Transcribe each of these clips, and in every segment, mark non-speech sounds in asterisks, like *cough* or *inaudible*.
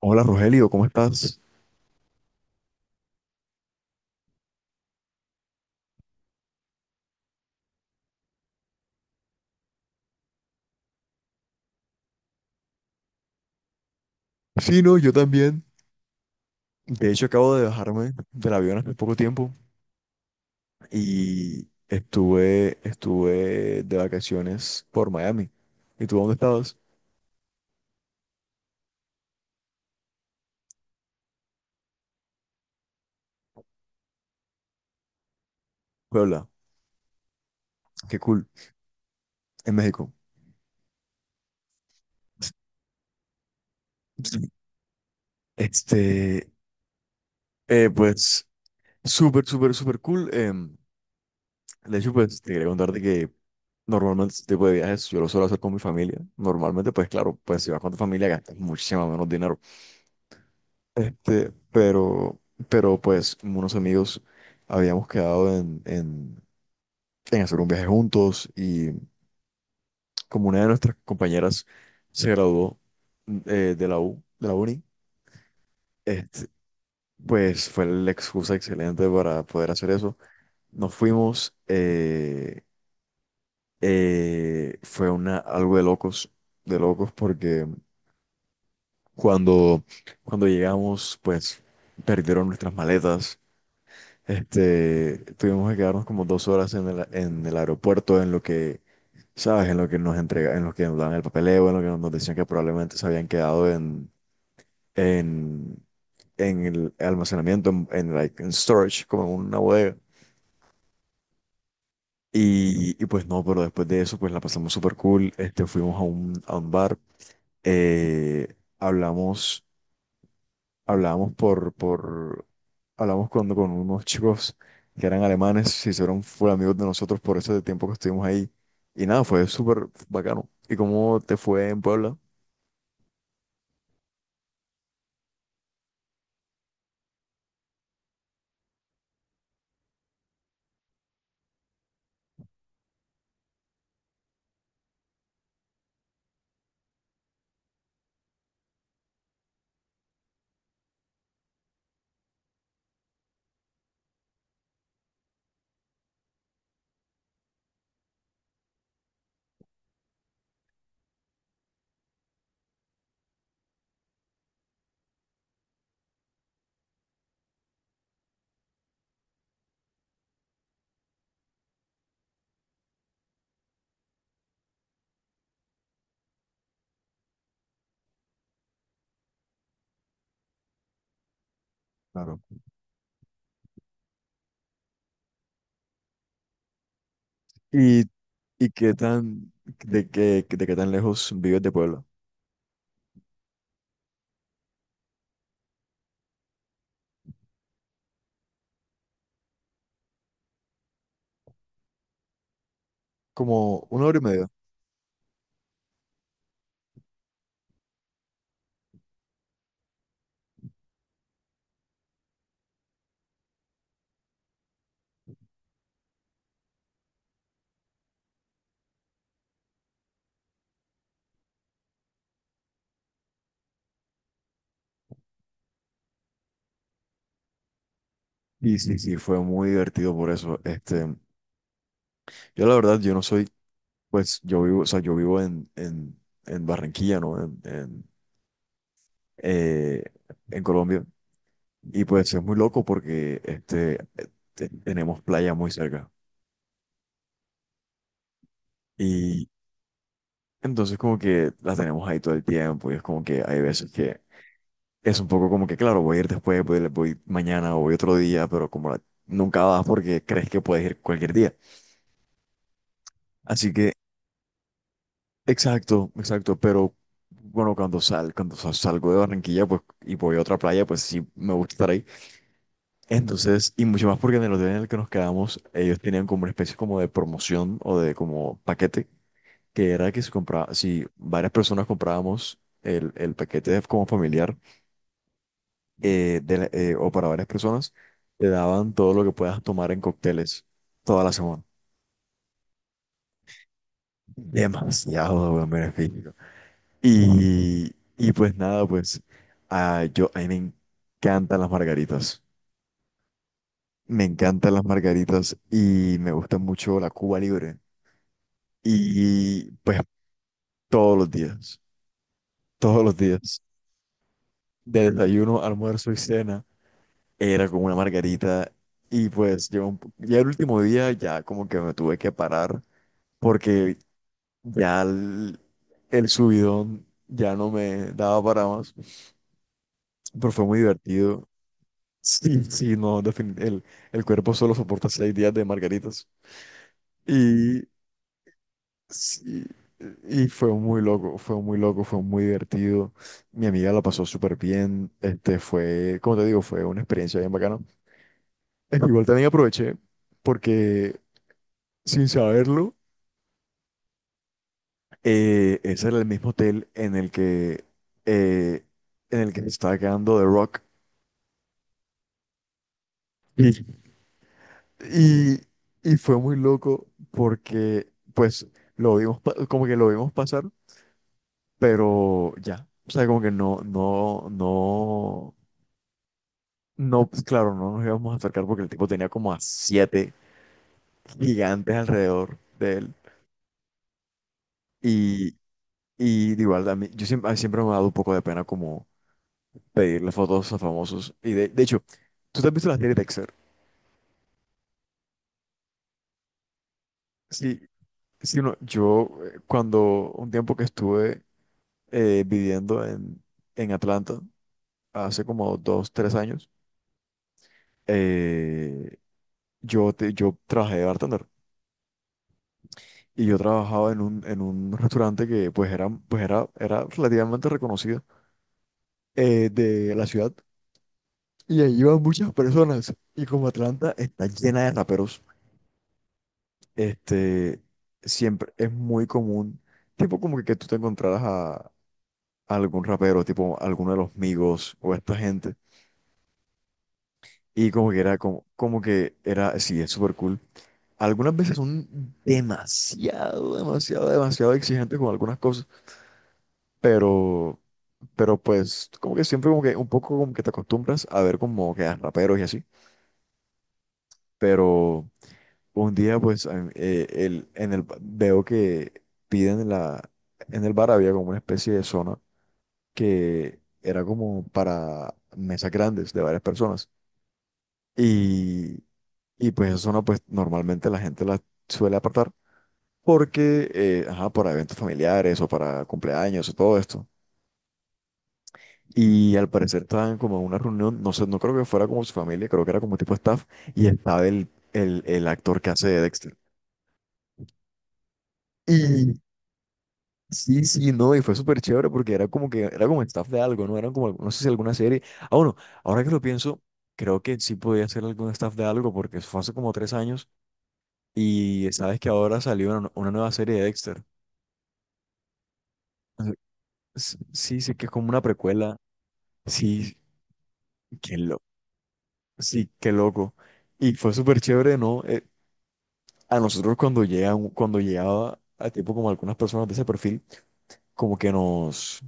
Hola Rogelio, ¿cómo estás? Sí, no, yo también. De hecho, acabo de bajarme del avión hace poco tiempo y estuve de vacaciones por Miami. ¿Y tú dónde estabas? Puebla. Qué cool. En México. Sí. Este, pues, súper, súper, súper cool. De hecho, pues, te quería contarte que normalmente este tipo de viajes yo lo suelo hacer con mi familia. Normalmente, pues, claro, pues, si vas con tu familia gastas muchísimo menos dinero. Este, pero, pero pues unos amigos habíamos quedado en hacer un viaje juntos y como una de nuestras compañeras se graduó, de la uni. este, pues fue la excusa excelente para poder hacer eso. Nos fuimos, algo de locos, de locos, porque cuando, cuando llegamos pues perdieron nuestras maletas. Tuvimos que quedarnos como 2 horas en el aeropuerto, en lo que, ¿sabes? En lo que nos entrega, en lo que nos daban el papeleo, en lo que nos decían que probablemente se habían quedado en, en el almacenamiento, like, en storage, como en una bodega. Y pues no, pero después de eso, pues la pasamos súper cool. Fuimos a un bar, hablamos. hablábamos por, por, Hablamos cuando con unos chicos que eran alemanes, se hicieron full amigos de nosotros por ese tiempo que estuvimos ahí. Y nada, fue súper bacano. ¿Y cómo te fue en Puebla? Claro. ¿Y, y qué tan, de qué tan lejos vives de Puebla? Como una hora y media. Y sí, sí, fue muy divertido por eso. Yo la verdad, yo no soy, pues yo vivo, o sea, yo vivo en Barranquilla, ¿no? Eh, en Colombia. Y pues es muy loco porque tenemos playa muy cerca. Y entonces como que las tenemos ahí todo el tiempo y es como que hay veces que es un poco como que, claro, voy a ir después, voy mañana o voy otro día, pero nunca vas porque crees que puedes ir cualquier día. Así que, exacto, exacto, pero bueno, cuando sal, cuando sa- salgo de Barranquilla pues, y voy a otra playa, pues sí me gusta estar ahí. Entonces, y mucho más porque en el hotel en el que nos quedamos, ellos tenían como una especie como de promoción o de como paquete, que era que si varias personas comprábamos el paquete como familiar, o para varias personas, te daban todo lo que puedas tomar en cócteles toda la semana. Demasiado buen beneficio. Y pues nada, pues a mí me encantan las margaritas. Me encantan las margaritas y me gusta mucho la Cuba Libre. Y pues todos los días, todos los días, de desayuno, almuerzo y cena, era como una margarita. Y pues llegó ya el último día ya como que me tuve que parar porque ya el subidón ya no me daba para más, pero fue muy divertido. Sí, sí, no, el cuerpo solo soporta 6 días de margaritas. Y sí, y fue muy loco, fue muy loco, fue muy divertido. Mi amiga la pasó súper bien. Fue, como te digo, fue una experiencia bien bacana. Igual también aproveché porque, sin saberlo, ese era el mismo hotel eh, en el que se estaba quedando The Rock. Y, y, y fue muy loco porque, pues, como que lo vimos pasar, pero ya. O sea, como que no, no, no. No, pues claro, no nos íbamos a acercar porque el tipo tenía como a siete gigantes alrededor de él. Y, y de igual, a mí siempre me ha dado un poco de pena como pedirle fotos a famosos. Y, de hecho, ¿tú te has visto la serie Dexter? Sí, sí, no, yo, cuando un tiempo que estuve, viviendo en Atlanta, hace como 2, 3 años, eh, yo trabajé de bartender. Y yo trabajaba en un *laughs* restaurante que era relativamente reconocido, de la ciudad, y ahí iban muchas personas, y como Atlanta está llena de raperos, este, siempre es muy común, tipo como que, tú te encontraras a algún rapero, tipo alguno de los Migos o esta gente, y como que era como, como que era, sí, es súper cool. Algunas veces son demasiado, demasiado, demasiado exigentes con algunas cosas, pero… Pero pues como que siempre como que un poco como que te acostumbras a ver como que a raperos y así. Pero un día pues a- mí, el, en el, ba- veo que piden en la, en el bar había como una especie de zona que era como para mesas grandes de varias personas. Y, y pues esa zona pues normalmente la gente la suele apartar porque, ajá, para eventos familiares o para cumpleaños o todo esto. Y al parecer estaban como en una reunión, no sé, no creo que fuera como su familia, creo que era como tipo staff, y estaba el actor que hace de Dexter. Y sí, sí, no, y fue súper chévere porque era era como staff de algo, ¿no? Eran como, no sé si alguna serie. Ah, bueno, ahora que lo pienso, creo que sí podía ser algún staff de algo, porque eso fue hace como 3 años y sabes que ahora salió una nueva serie de Dexter. Sí, sí, que es como una precuela. Sí, qué loco. Sí, qué loco. Y fue súper chévere, ¿no? A nosotros cuando llegaba a tipo como algunas personas de ese perfil, como que nos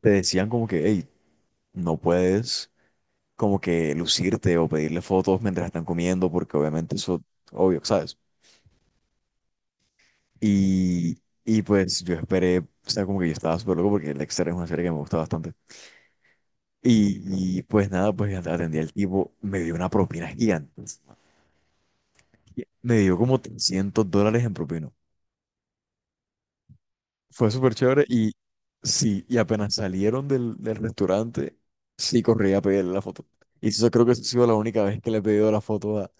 te decían como que, hey, no puedes como que lucirte o pedirle fotos mientras están comiendo, porque obviamente eso, obvio, ¿sabes? Y, y pues yo esperé, o sea, como que yo estaba súper loco porque Dexter es una serie que me gusta bastante. Y pues nada, pues atendí al tipo, me dio una propina gigante. Me dio como $300 en propina. Fue súper chévere y sí, y apenas salieron del restaurante, sí corrí a pedirle la foto. Y eso creo que ha sido la única vez que le he pedido la foto a,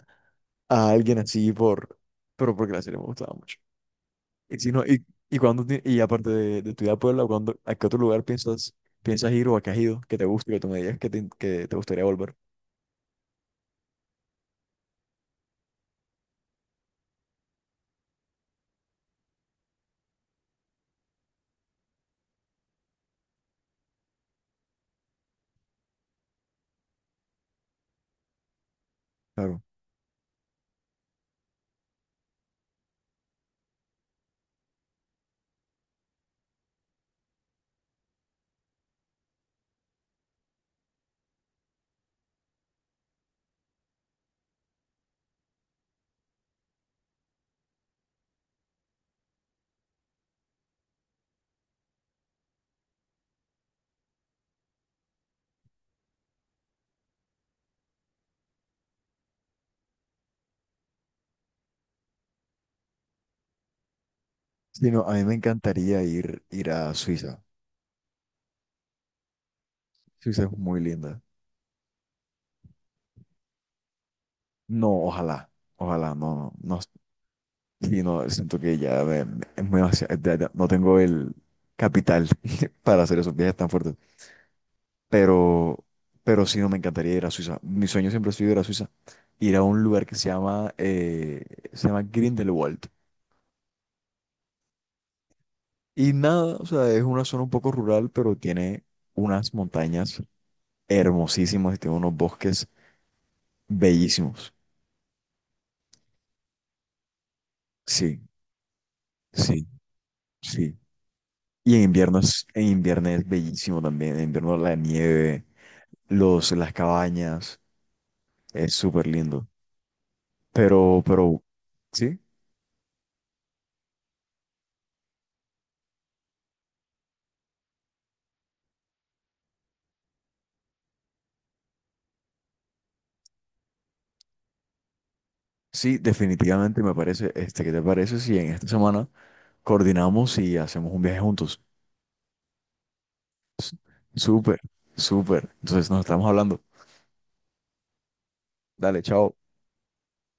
a alguien así por, pero porque la serie me gustaba mucho. Y si no, y aparte de tu vida a Puebla, ¿a qué otro lugar piensas, ir, o a qué has ido que te guste, que tú me digas que te gustaría volver? Claro. Sí, no, a mí me encantaría ir a Suiza. Suiza es muy linda. No, ojalá, ojalá, no, no, no. Sí, no, siento que ya ya no tengo el capital *laughs* para hacer esos viajes tan fuertes. Pero, pero sí, no, me encantaría ir a Suiza. Mi sueño siempre ha sido ir a Suiza. Ir a un lugar que se llama Grindelwald. Y nada, o sea, es una zona un poco rural, pero tiene unas montañas hermosísimas y tiene unos bosques bellísimos. Sí, sí, sí. Y en invierno es bellísimo también. En invierno la nieve, los, las cabañas. Es súper lindo. Pero, sí, sí, definitivamente me parece, ¿qué te parece si en esta semana coordinamos y hacemos un viaje juntos? S- Súper, súper. Entonces nos estamos hablando. Dale, chao.